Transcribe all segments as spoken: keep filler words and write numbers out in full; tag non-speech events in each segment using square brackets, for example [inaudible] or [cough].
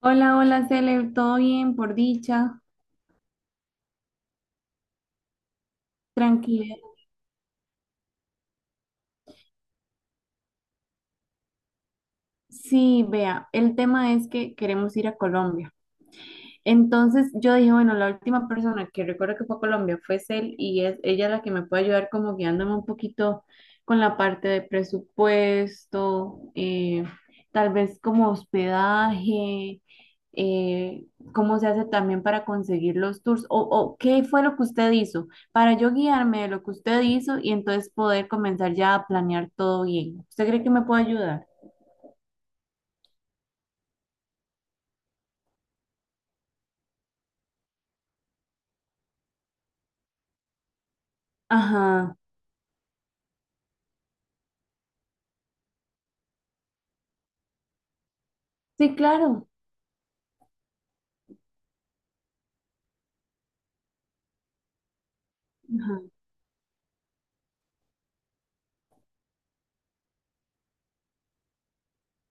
Hola, hola, Cele, ¿todo bien? Por dicha, tranquila. Sí, vea, el tema es que queremos ir a Colombia. Entonces yo dije, bueno, la última persona que recuerdo que fue a Colombia fue Cel y es ella la que me puede ayudar como guiándome un poquito con la parte de presupuesto, eh, tal vez como hospedaje, eh, cómo se hace también para conseguir los tours o, o qué fue lo que usted hizo para yo guiarme de lo que usted hizo y entonces poder comenzar ya a planear todo bien. ¿Usted cree que me puede ayudar? Ajá, sí, claro.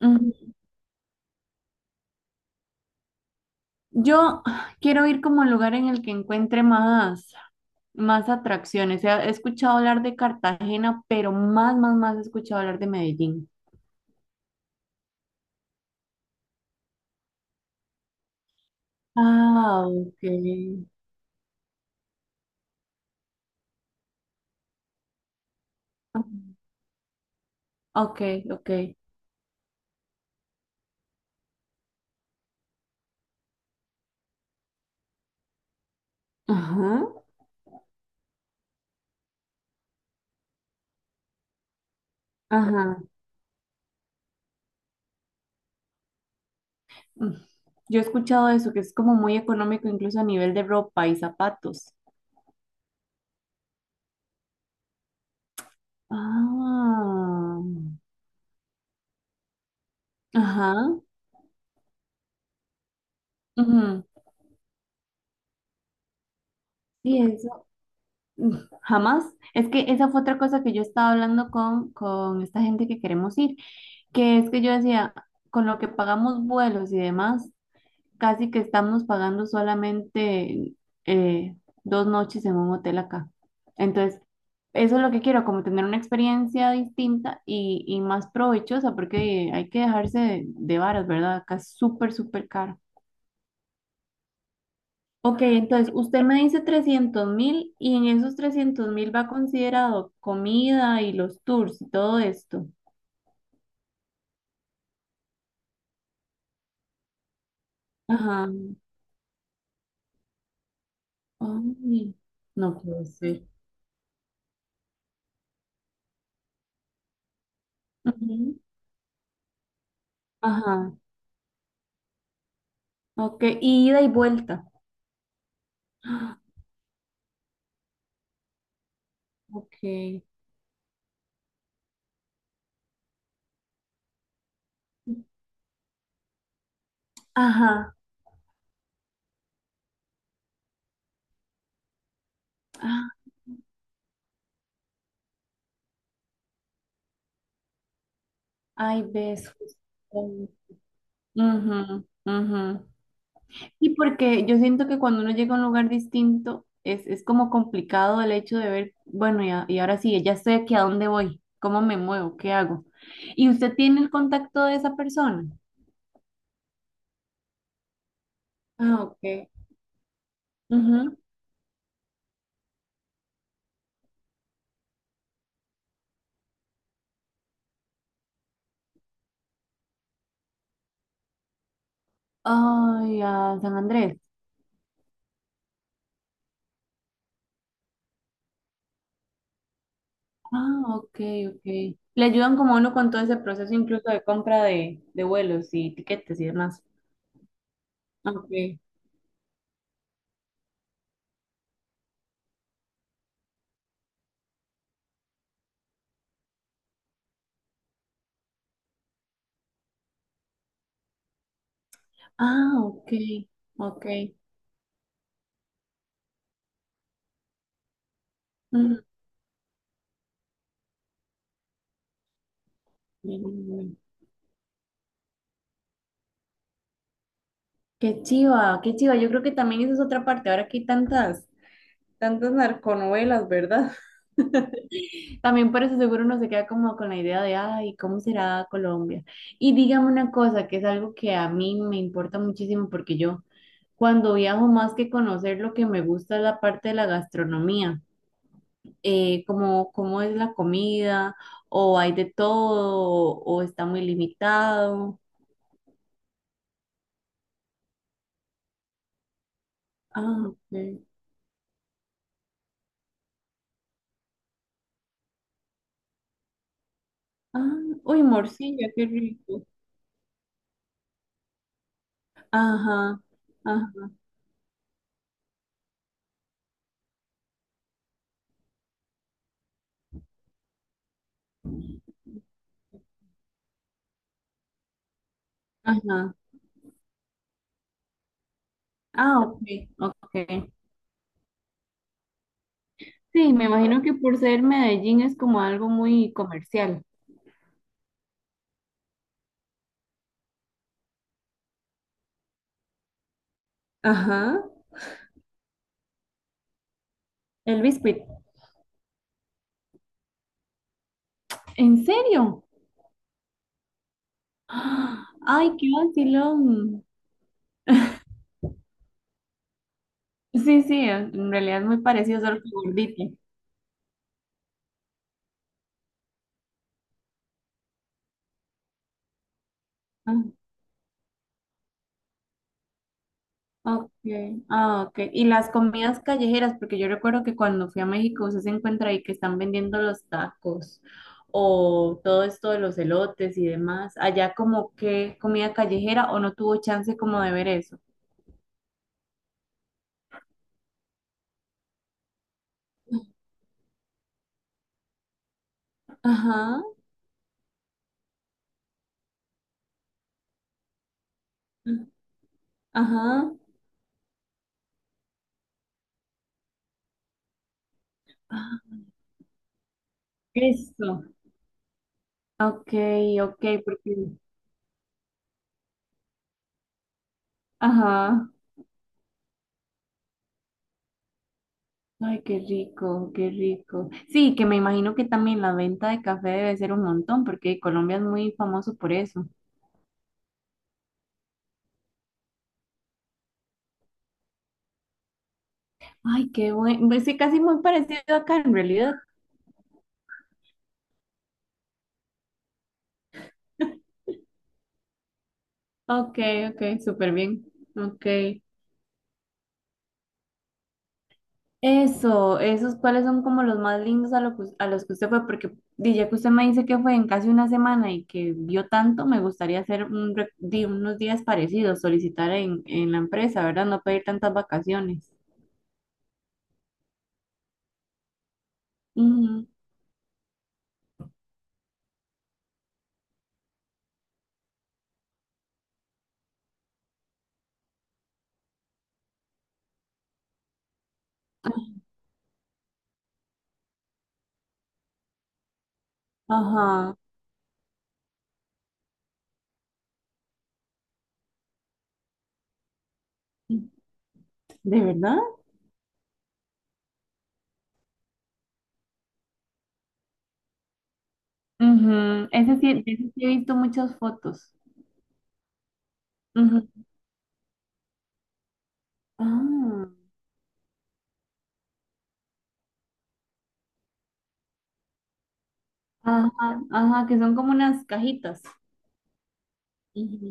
Ajá. Yo quiero ir como al lugar en el que encuentre más, más atracciones. He, he escuchado hablar de Cartagena, pero más, más, más he escuchado hablar de Medellín. Ah, ok. Ah, ok, ok. Ajá, ajá. Mm. Yo he escuchado eso, que es como muy económico incluso a nivel de ropa y zapatos. Ah, ajá. Ujú. Y eso, mm, jamás. Es que esa fue otra cosa que yo estaba hablando con, con esta gente que queremos ir. Que es que yo decía, con lo que pagamos vuelos y demás, casi que estamos pagando solamente eh, dos noches en un hotel acá. Entonces, eso es lo que quiero, como tener una experiencia distinta y, y más provechosa, porque hay que dejarse de, de varas, ¿verdad? Acá es súper, súper caro. Ok, entonces usted me dice trescientos mil y en esos trescientos mil va considerado comida y los tours y todo esto. Ajá. Ay, no puede ser. Ujú. Ajá, ok, y ida y vuelta. Ah, ok, ajá, ah, ay, ves, justo. Ujú, ujú. Y porque yo siento que cuando uno llega a un lugar distinto, es, es como complicado el hecho de ver, bueno, y, a- y ahora sí, ya estoy aquí, ¿a dónde voy? ¿Cómo me muevo? ¿Qué hago? ¿Y usted tiene el contacto de esa persona? Ah, ok. Ujú. Ay, a San Andrés. Ah, ok, ok. Le ayudan como a uno con todo ese proceso incluso de compra de, de vuelos y tiquetes y demás. Ok. Ah, ok, ok. Mm, mm. Qué chiva, qué chiva. Yo creo que también esa es otra parte. Ahora que hay tantas, tantas narconovelas, ¿verdad? [laughs] También por eso seguro uno se queda como con la idea de, ay, ¿cómo será Colombia? Y dígame una cosa, que es algo que a mí me importa muchísimo porque yo cuando viajo más que conocer lo que me gusta es la parte de la gastronomía. eh, como cómo es la comida, o hay de todo, o está muy limitado. Ah, ok. Ah, uy, morcilla, qué rico. Ajá, ajá, ajá. Ah, ok, ok. Sí, me imagino que por ser Medellín es como algo muy comercial. Ajá, el biscuit. ¿En serio? ¡Ah! Ay, qué vacilón. Sí, sí, en realidad es muy parecido, solo que gordito. Ah. Okay, ah, okay. Y las comidas callejeras, porque yo recuerdo que cuando fui a México usted se encuentra ahí que están vendiendo los tacos o todo esto de los elotes y demás. Allá como que comida callejera o no tuvo chance como de ver eso. Ajá, ajá. Ah, eso. Okay, okay, porque ajá. Ay, qué rico, qué rico. Sí, que me imagino que también la venta de café debe ser un montón, porque Colombia es muy famoso por eso. Ay, qué bueno. Pues sí, casi muy parecido acá en realidad. Ok, ok, súper bien. Ok. Eso, esos cuáles son como los más lindos a, lo que us- a los que usted fue, porque di, ya que usted me dice que fue en casi una semana y que vio tanto, me gustaría hacer un, re- di, unos días parecidos, solicitar en, en la empresa, ¿verdad? No pedir tantas vacaciones. Ujú, ajá. ¿De verdad? Ujú, ese sí, de ese sí he visto muchas fotos. Ujú. Ah. Ajá, ajá, que son como unas cajitas. Ujú.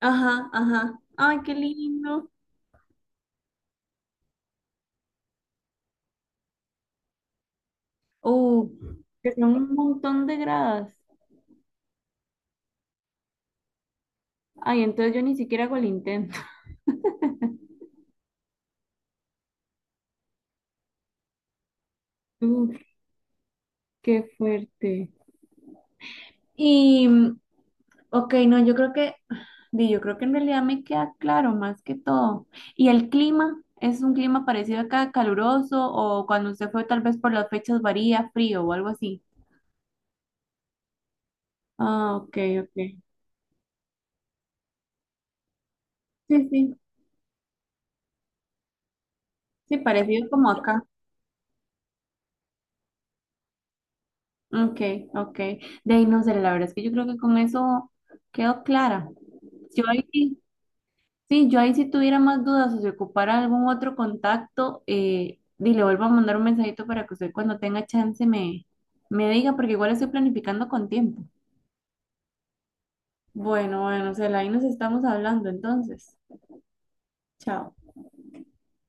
Ajá, ajá. Ay, qué lindo. Uh, que son un montón de gradas. Ay, entonces yo ni siquiera hago el intento. [laughs] Uh, qué fuerte. Y, mm, ok, no, yo creo que, di, yo creo que en realidad me queda claro más que todo. ¿Y el clima? ¿Es un clima parecido acá, caluroso? ¿O cuando usted fue tal vez por las fechas varía, frío o algo así? Ah, ok, ok. Sí, sí, sí, parecido como acá. Ok, ok. De ahí no sé, la verdad es que yo creo que con eso quedó clara. Yo ahí sí, sí, yo ahí si tuviera más dudas o si ocupara algún otro contacto, eh, di, le vuelvo a mandar un mensajito para que usted cuando tenga chance me, me diga, porque igual estoy planificando con tiempo. Bueno, bueno, Cela, ahí nos estamos hablando entonces. Chao.